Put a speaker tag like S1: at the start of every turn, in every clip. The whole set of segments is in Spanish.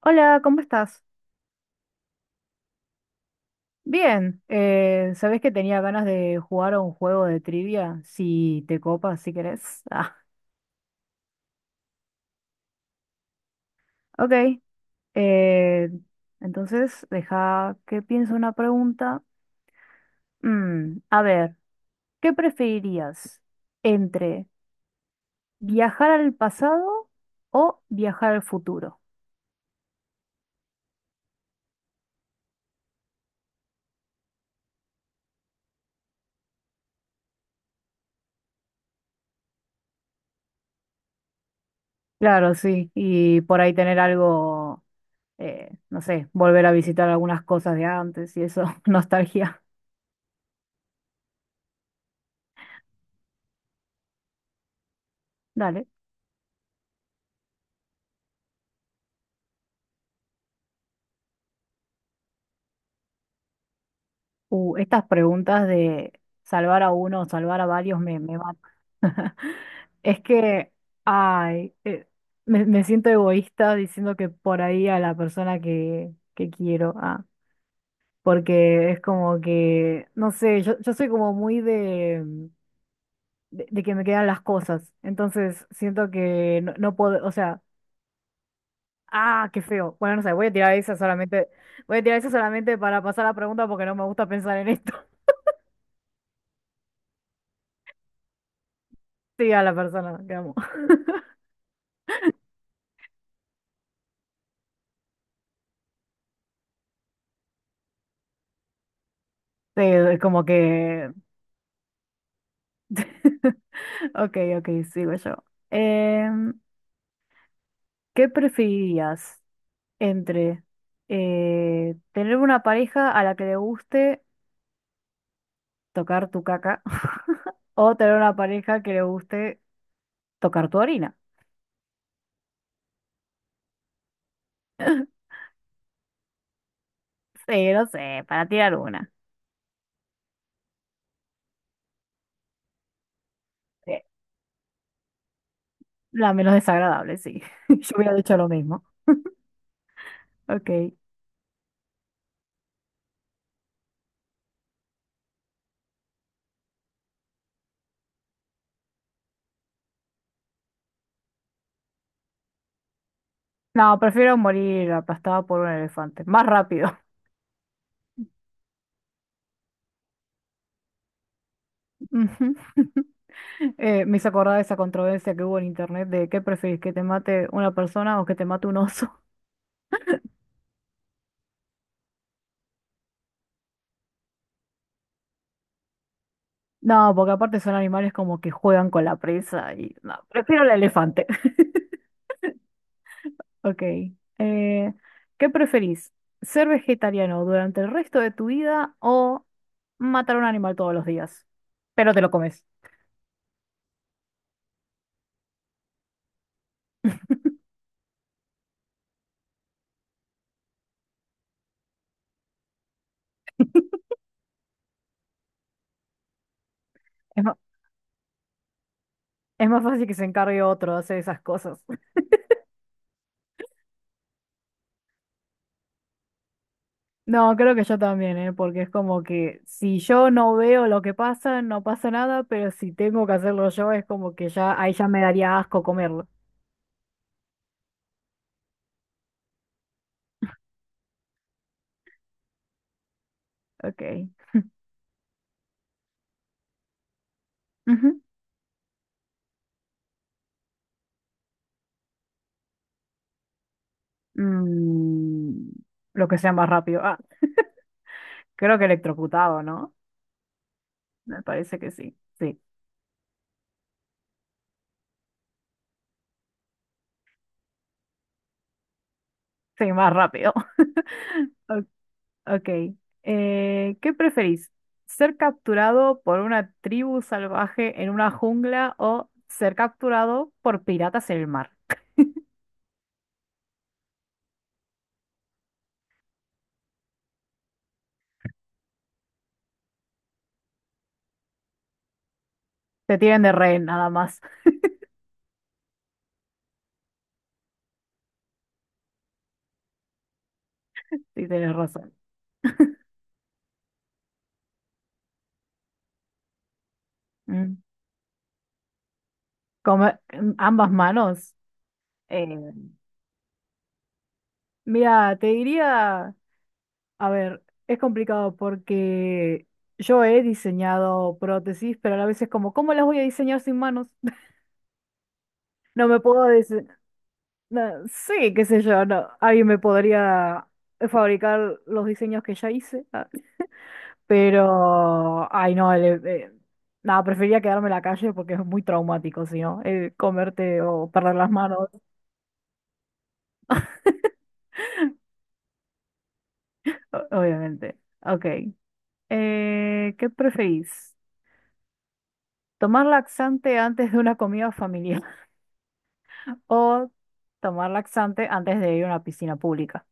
S1: Hola, ¿cómo estás? Bien, ¿sabés que tenía ganas de jugar a un juego de trivia? Si te copas, si querés. Ok. eh, entonces, deja que piense una pregunta. A ver, ¿qué preferirías entre viajar al pasado o viajar al futuro? Claro, sí, y por ahí tener algo, no sé, volver a visitar algunas cosas de antes y eso, nostalgia. Dale. Estas preguntas de salvar a uno o salvar a varios me matan. Es que, ay, me siento egoísta diciendo que por ahí a la persona que quiero, ah, porque es como que, no sé, yo soy como muy de que me quedan las cosas, entonces siento que no, no puedo, o sea, ah, qué feo. Bueno, no sé, voy a tirar esa solamente, voy a tirar esa solamente para pasar la pregunta porque no me gusta pensar en esto. Sí, a la persona que amo. Sí, como que... Ok, ok, sigo yo. Em, ¿Qué preferirías entre tener una pareja a la que le guste tocar tu caca o tener una pareja que le guste tocar tu orina? Sí, no sé, para tirar una. Sí. La menos desagradable, sí. Yo hubiera dicho lo mismo. Ok. No, prefiero morir aplastada por un elefante. Más rápido. Ujú. Me hizo acordar de esa controversia que hubo en internet de qué preferís, que te mate una persona o que te mate un oso. No, porque aparte son animales como que juegan con la presa y no, prefiero el elefante. Ok. eh, ¿Qué preferís? ¿Ser vegetariano durante el resto de tu vida o matar un animal todos los días? Pero te lo comes. Es más, es más fácil que se encargue otro de hacer esas cosas. No, creo que yo también, ¿eh? Porque es como que si yo no veo lo que pasa, no pasa nada, pero si tengo que hacerlo yo, es como que ya ahí ya me daría asco comerlo. Ok. Ujú. Mm, lo que sea más rápido. Ah, creo que electrocutado, ¿no? Me parece que sí. Sí, sí, más rápido. Ok. ¿Qué preferís? ¿Ser capturado por una tribu salvaje en una jungla o ser capturado por piratas en el mar? Te tienen de rehén, nada más. Sí, tienes razón. Mm. Como ambas manos. Eh, Mira, te diría, a ver, es complicado porque yo he diseñado prótesis, pero a la vez es como, ¿cómo las voy a diseñar sin manos? No me puedo decir, sí, qué sé yo, no, alguien me podría fabricar los diseños que ya hice, ah, pero, ay no, nada, preferiría quedarme en la calle porque es muy traumático, si no, comerte o perder las manos, o- obviamente. Ok. ¿Qué preferís? ¿Tomar laxante antes de una comida familiar o tomar laxante antes de ir a una piscina pública?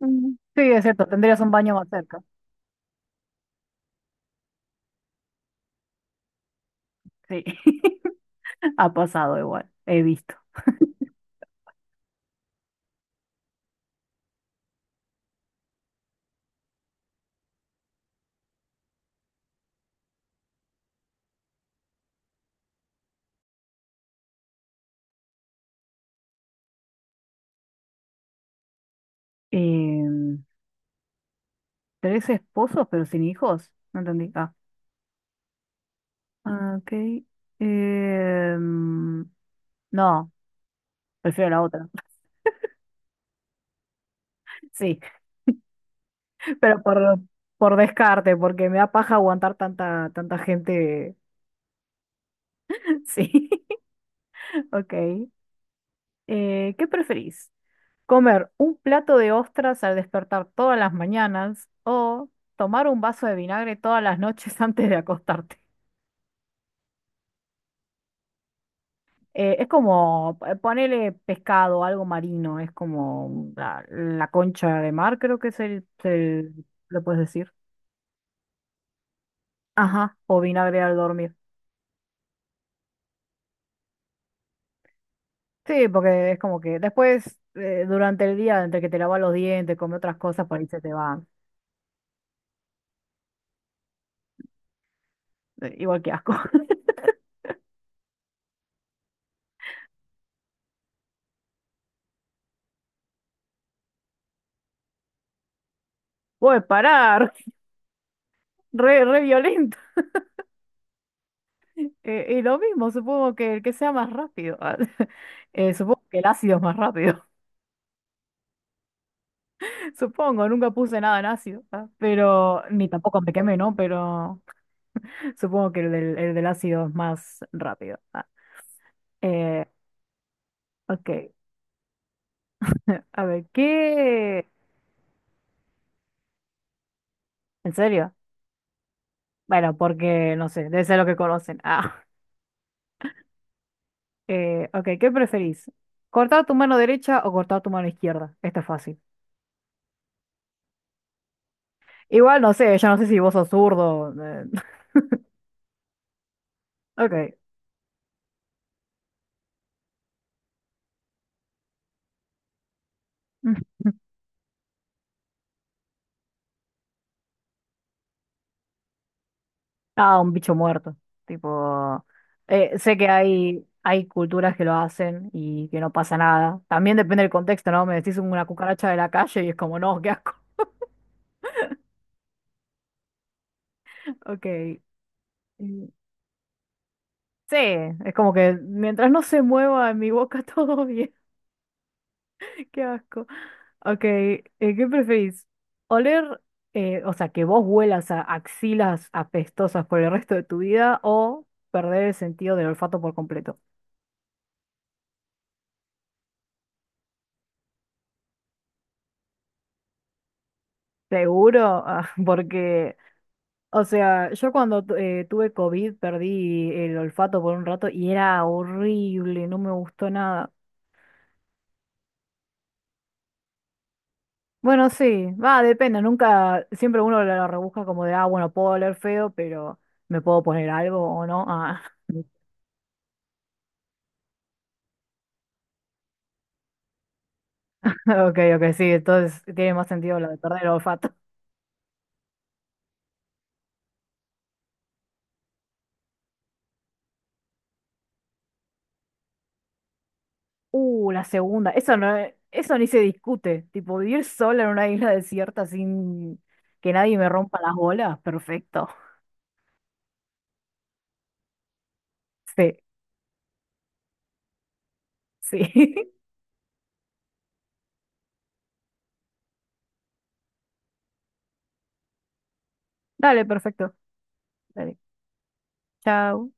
S1: Mm. Sí, es cierto, tendrías un baño más cerca. Sí, ha pasado igual, he visto. Em, Tres esposos pero sin hijos, no entendí. Ah, ah, ok. Em, no, prefiero la otra. Sí, pero por descarte, porque me da paja aguantar tanta gente. Sí, ok. ¿Qué preferís? ¿Comer un plato de ostras al despertar todas las mañanas o tomar un vaso de vinagre todas las noches antes de acostarte? Es como ponerle pescado, algo marino, es como la concha de mar, creo que es el- lo puedes decir. Ajá, o vinagre al dormir. Sí, porque es como que después, durante el día, entre que te lavas los dientes, comes otras cosas, por ahí se te va. Igual que asco. Puedes parar, re violento. Y lo mismo, supongo que el que sea más rápido. ah, supongo que el ácido es más rápido. Supongo, nunca puse nada en ácido. ah. Pero, ni tampoco me quemé, ¿no? Pero supongo que el del ácido es más rápido. Ah. Eh, ok. A ver, ¿qué? ¿En serio? Bueno, porque no sé, debe ser lo que conocen. Ah. Ok, ¿qué preferís? ¿Cortar tu mano derecha o cortar tu mano izquierda? Esto es fácil. Igual no sé, ya no sé si vos sos zurdo. Ok. Ah, un bicho muerto. Tipo, sé que hay culturas que lo hacen y que no pasa nada. También depende del contexto, ¿no? Me decís una cucaracha de la calle y es como, no, qué asco. Ok. Mm, sí, es como que mientras no se mueva en mi boca todo bien, qué asco. Ok, ¿qué preferís? ¿Oler, o sea, que vos huelas a axilas apestosas por el resto de tu vida o perder el sentido del olfato por completo? Seguro, ah, porque o sea, yo cuando tuve COVID perdí el olfato por un rato y era horrible, no me gustó nada. Bueno, sí, va, depende, nunca, siempre uno lo rebusca como de, ah, bueno, puedo oler feo, pero ¿me puedo poner algo o no? Ah, ok, ok, sí, entonces tiene más sentido lo de perder el olfato. La segunda, eso no, es- eso ni se discute, tipo vivir sola en una isla desierta sin que nadie me rompa las bolas, perfecto. Sí, sí. Dale, perfecto. Dale. Chao.